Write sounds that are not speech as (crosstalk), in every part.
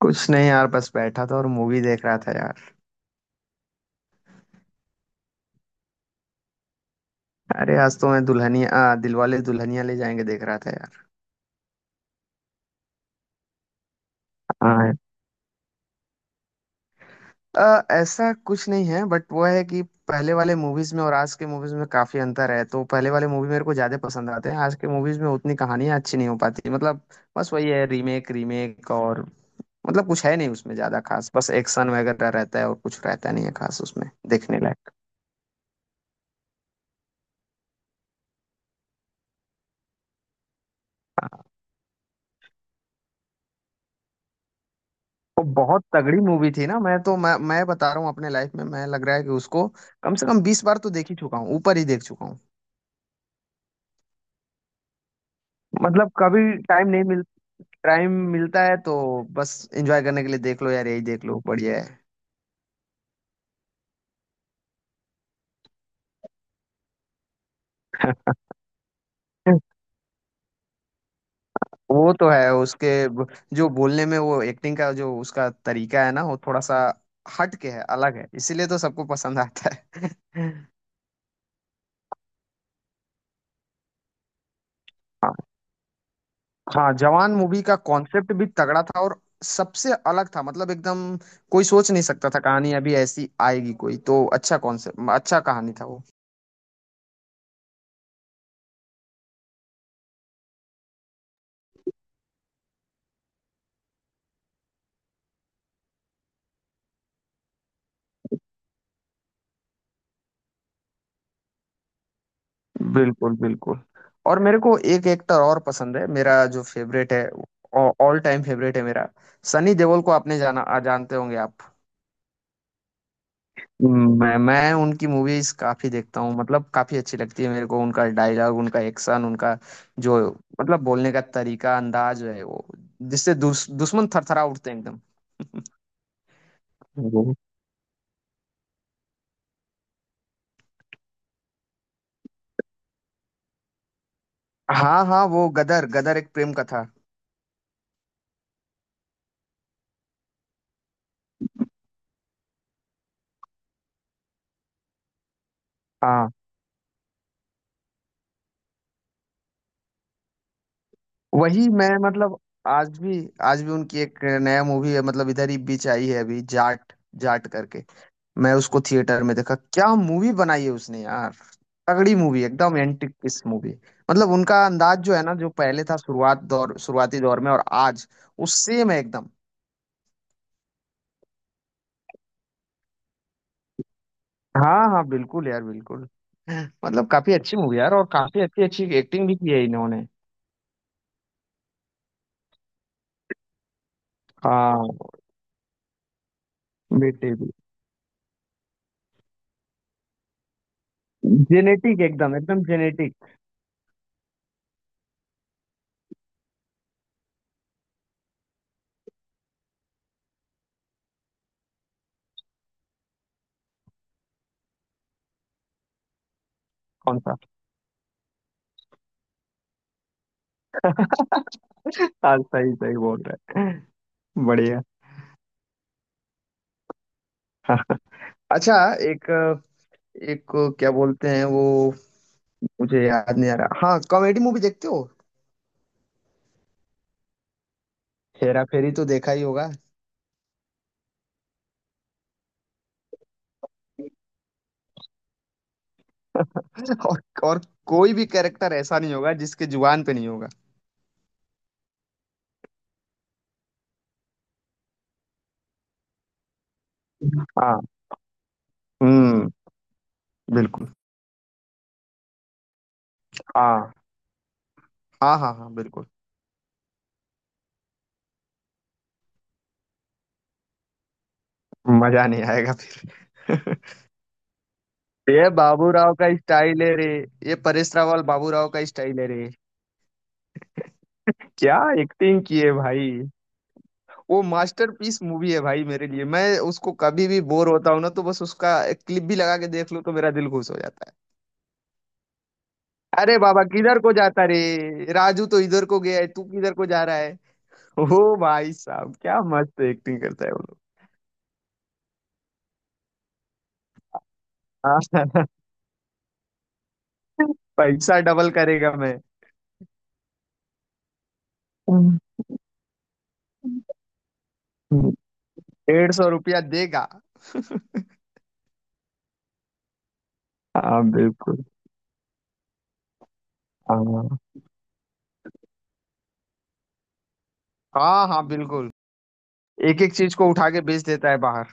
कुछ नहीं यार, बस बैठा था और मूवी देख रहा था यार। अरे आज तो मैं दिलवाले दुल्हनिया ले जाएंगे देख रहा था यार। हाँ। ऐसा कुछ नहीं है, बट वो है कि पहले वाले मूवीज में और आज के मूवीज में काफी अंतर है, तो पहले वाले मूवी मेरे को ज्यादा पसंद आते हैं। आज के मूवीज में उतनी कहानियां अच्छी नहीं हो पाती, मतलब बस वही है, रीमेक रीमेक। और मतलब कुछ है नहीं उसमें ज्यादा खास, बस एक्शन वगैरह रहता है और कुछ रहता नहीं है खास उसमें देखने लायक। वो बहुत तगड़ी मूवी थी ना। मैं तो मैं बता रहा हूँ, अपने लाइफ में मैं, लग रहा है कि उसको कम से कम 20 बार तो देख ही चुका हूँ, ऊपर ही देख चुका हूँ। मतलब कभी टाइम नहीं मिल, टाइम मिलता है तो बस एंजॉय करने के लिए देख लो यार, यही देख लो, बढ़िया है। वो तो है उसके जो बोलने में, वो एक्टिंग का जो उसका तरीका है ना, वो थोड़ा सा हट के है, अलग है, इसीलिए तो सबको पसंद आता है। हाँ, जवान मूवी का कॉन्सेप्ट भी तगड़ा था और सबसे अलग था, मतलब एकदम कोई सोच नहीं सकता था कहानी अभी ऐसी आएगी। कोई तो अच्छा कॉन्सेप्ट, अच्छा कहानी था वो। बिल्कुल, बिल्कुल। और मेरे को एक एक्टर और पसंद है, मेरा जो फेवरेट है, ऑल टाइम फेवरेट है मेरा। सनी देओल को आपने जानते होंगे आप? मैं उनकी मूवीज काफी देखता हूँ, मतलब काफी अच्छी लगती है मेरे को। उनका डायलॉग, उनका एक्शन, उनका जो मतलब बोलने का तरीका, अंदाज है वो, जिससे दुश्मन थरथरा उठते हैं एकदम। वो। हाँ हाँ, वो गदर, गदर एक प्रेम कथा। हाँ, वही मैं मतलब आज भी, आज भी उनकी एक नया मूवी है, मतलब इधर ही बीच आई है अभी, जाट जाट करके। मैं उसको थिएटर में देखा, क्या मूवी बनाई है उसने यार। तगड़ी मूवी एकदम, एंटिक किस मूवी। मतलब उनका अंदाज जो है ना, जो पहले था शुरुआती दौर में और आज, उस सेम है एकदम। हाँ हाँ बिल्कुल यार, बिल्कुल। मतलब काफी अच्छी मूवी यार, और काफी अच्छी अच्छी एक्टिंग भी की है इन्होंने। हाँ, बेटे भी। जेनेटिक, एकदम एकदम जेनेटिक। कौन सा? (laughs) हाँ सही, सही बोल रहे हैं। बढ़िया। (laughs) अच्छा, एक एक क्या बोलते हैं वो, मुझे याद नहीं आ रहा। हाँ, कॉमेडी मूवी देखते हो? हेरा फेरी तो देखा ही होगा। (laughs) और कोई भी कैरेक्टर ऐसा नहीं होगा जिसके जुबान पे नहीं होगा। हाँ, हम्म, बिल्कुल। हाँ हाँ हाँ, हाँ बिल्कुल। मजा नहीं आएगा फिर। (laughs) ये बाबू राव का स्टाइल है रे। ये परेश रावल, बाबू राव का स्टाइल है रे। क्या एक्टिंग की है भाई। वो मास्टरपीस मूवी है भाई मेरे लिए। मैं उसको, कभी भी बोर होता हूं ना तो बस उसका एक क्लिप भी लगा के देख लूं तो मेरा दिल खुश हो जाता है। अरे बाबा किधर को जाता रे? राजू तो इधर को गया है, तू किधर को जा रहा है? ओ भाई साहब, क्या मस्त एक्टिंग करता है वो लोग। हाँ, (laughs) पैसा डबल करेगा मैं। हम्म। 150 रुपया देगा। हाँ बिल्कुल। हाँ हाँ, हाँ बिल्कुल। एक एक चीज को उठा के बेच देता है बाहर।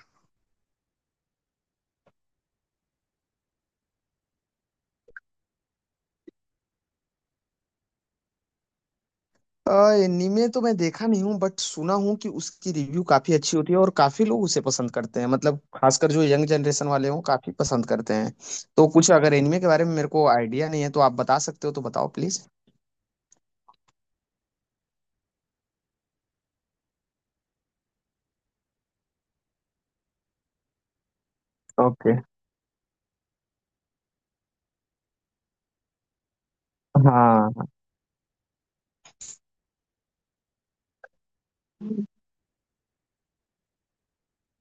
एनीमे तो मैं देखा नहीं हूँ, बट सुना हूँ कि उसकी रिव्यू काफी अच्छी होती है और काफी लोग उसे पसंद करते हैं, मतलब खासकर जो यंग जनरेशन वाले हों, काफी पसंद करते हैं। तो कुछ अगर एनीमे के बारे में मेरे को आइडिया नहीं है, तो आप बता सकते हो, तो बताओ प्लीज। ओके। हाँ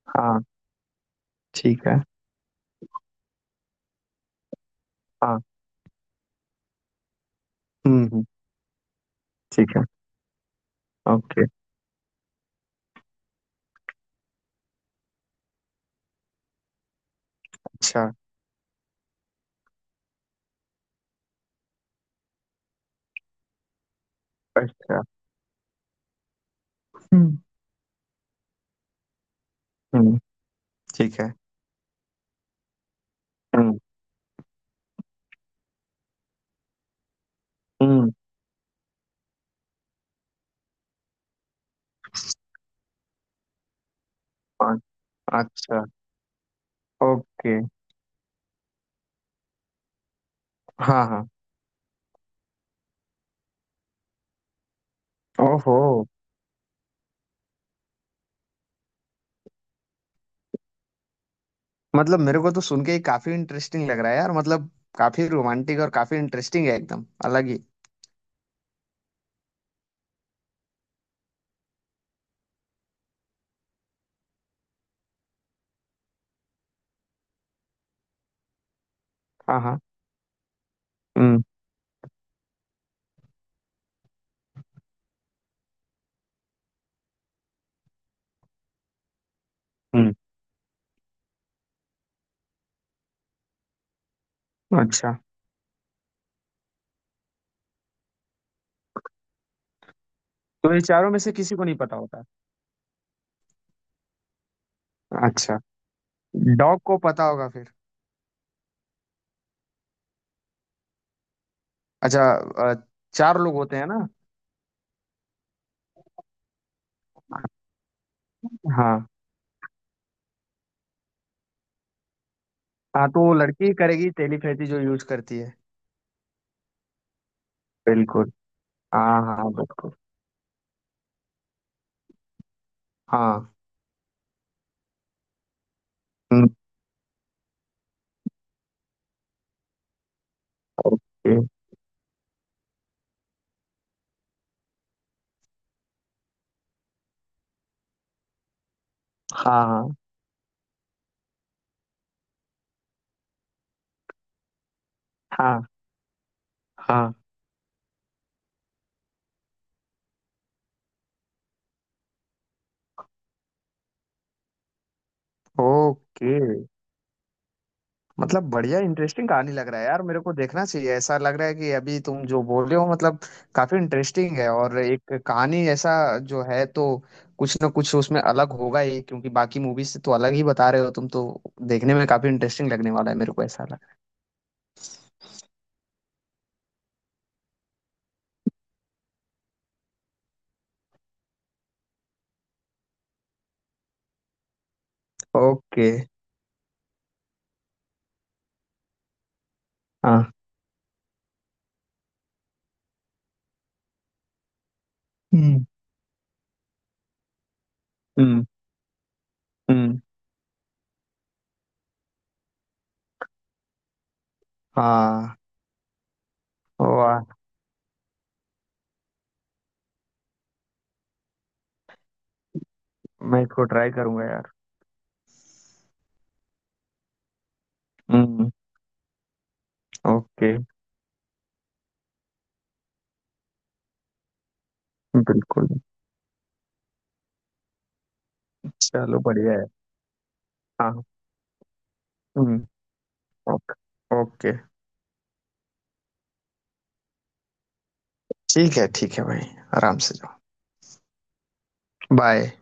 हाँ, ठीक है। हाँ, हम्म हम्म, ठीक है। ओके। अच्छा। अच्छा, हम्म हम्म, ठीक है। हम्म हम्म, अ- अच्छा। ओके। हाँ हाँ। ओहो। मतलब मेरे को तो सुन के ही काफी इंटरेस्टिंग लग रहा है यार, मतलब काफी रोमांटिक और काफी इंटरेस्टिंग है, एकदम अलग ही। हाँ हाँ, हम्म हम्म, अच्छा। तो ये चारों में से किसी को नहीं पता होता? अच्छा। डॉग को पता होगा फिर? अच्छा, चार लोग होते हैं ना? हाँ हाँ। तो वो लड़की ही करेगी टेलीपैथी जो यूज करती है। बिल्कुल। हाँ हाँ बिल्कुल। हाँ। हम्म, ओके। हाँ हाँ, हाँ हाँ। ओके। मतलब बढ़िया, इंटरेस्टिंग कहानी लग रहा है यार, मेरे को देखना चाहिए ऐसा लग रहा है कि अभी तुम जो बोल रहे हो, मतलब काफी इंटरेस्टिंग है, और एक कहानी ऐसा जो है, तो कुछ ना कुछ उसमें अलग होगा ही, क्योंकि बाकी मूवीज से तो अलग ही बता रहे हो तुम तो। देखने में काफी इंटरेस्टिंग लगने वाला है मेरे को, ऐसा लग रहा है। ओके। हाँ। हम्म। हम्म। हम्म। हाँ। वाह। मैं इसको ट्राई करूंगा यार। हम्म। ओके। बिल्कुल। चलो बढ़िया है। हाँ। हम्म। Okay, okay. ठीक है, ठीक है भाई। आराम से। बाय।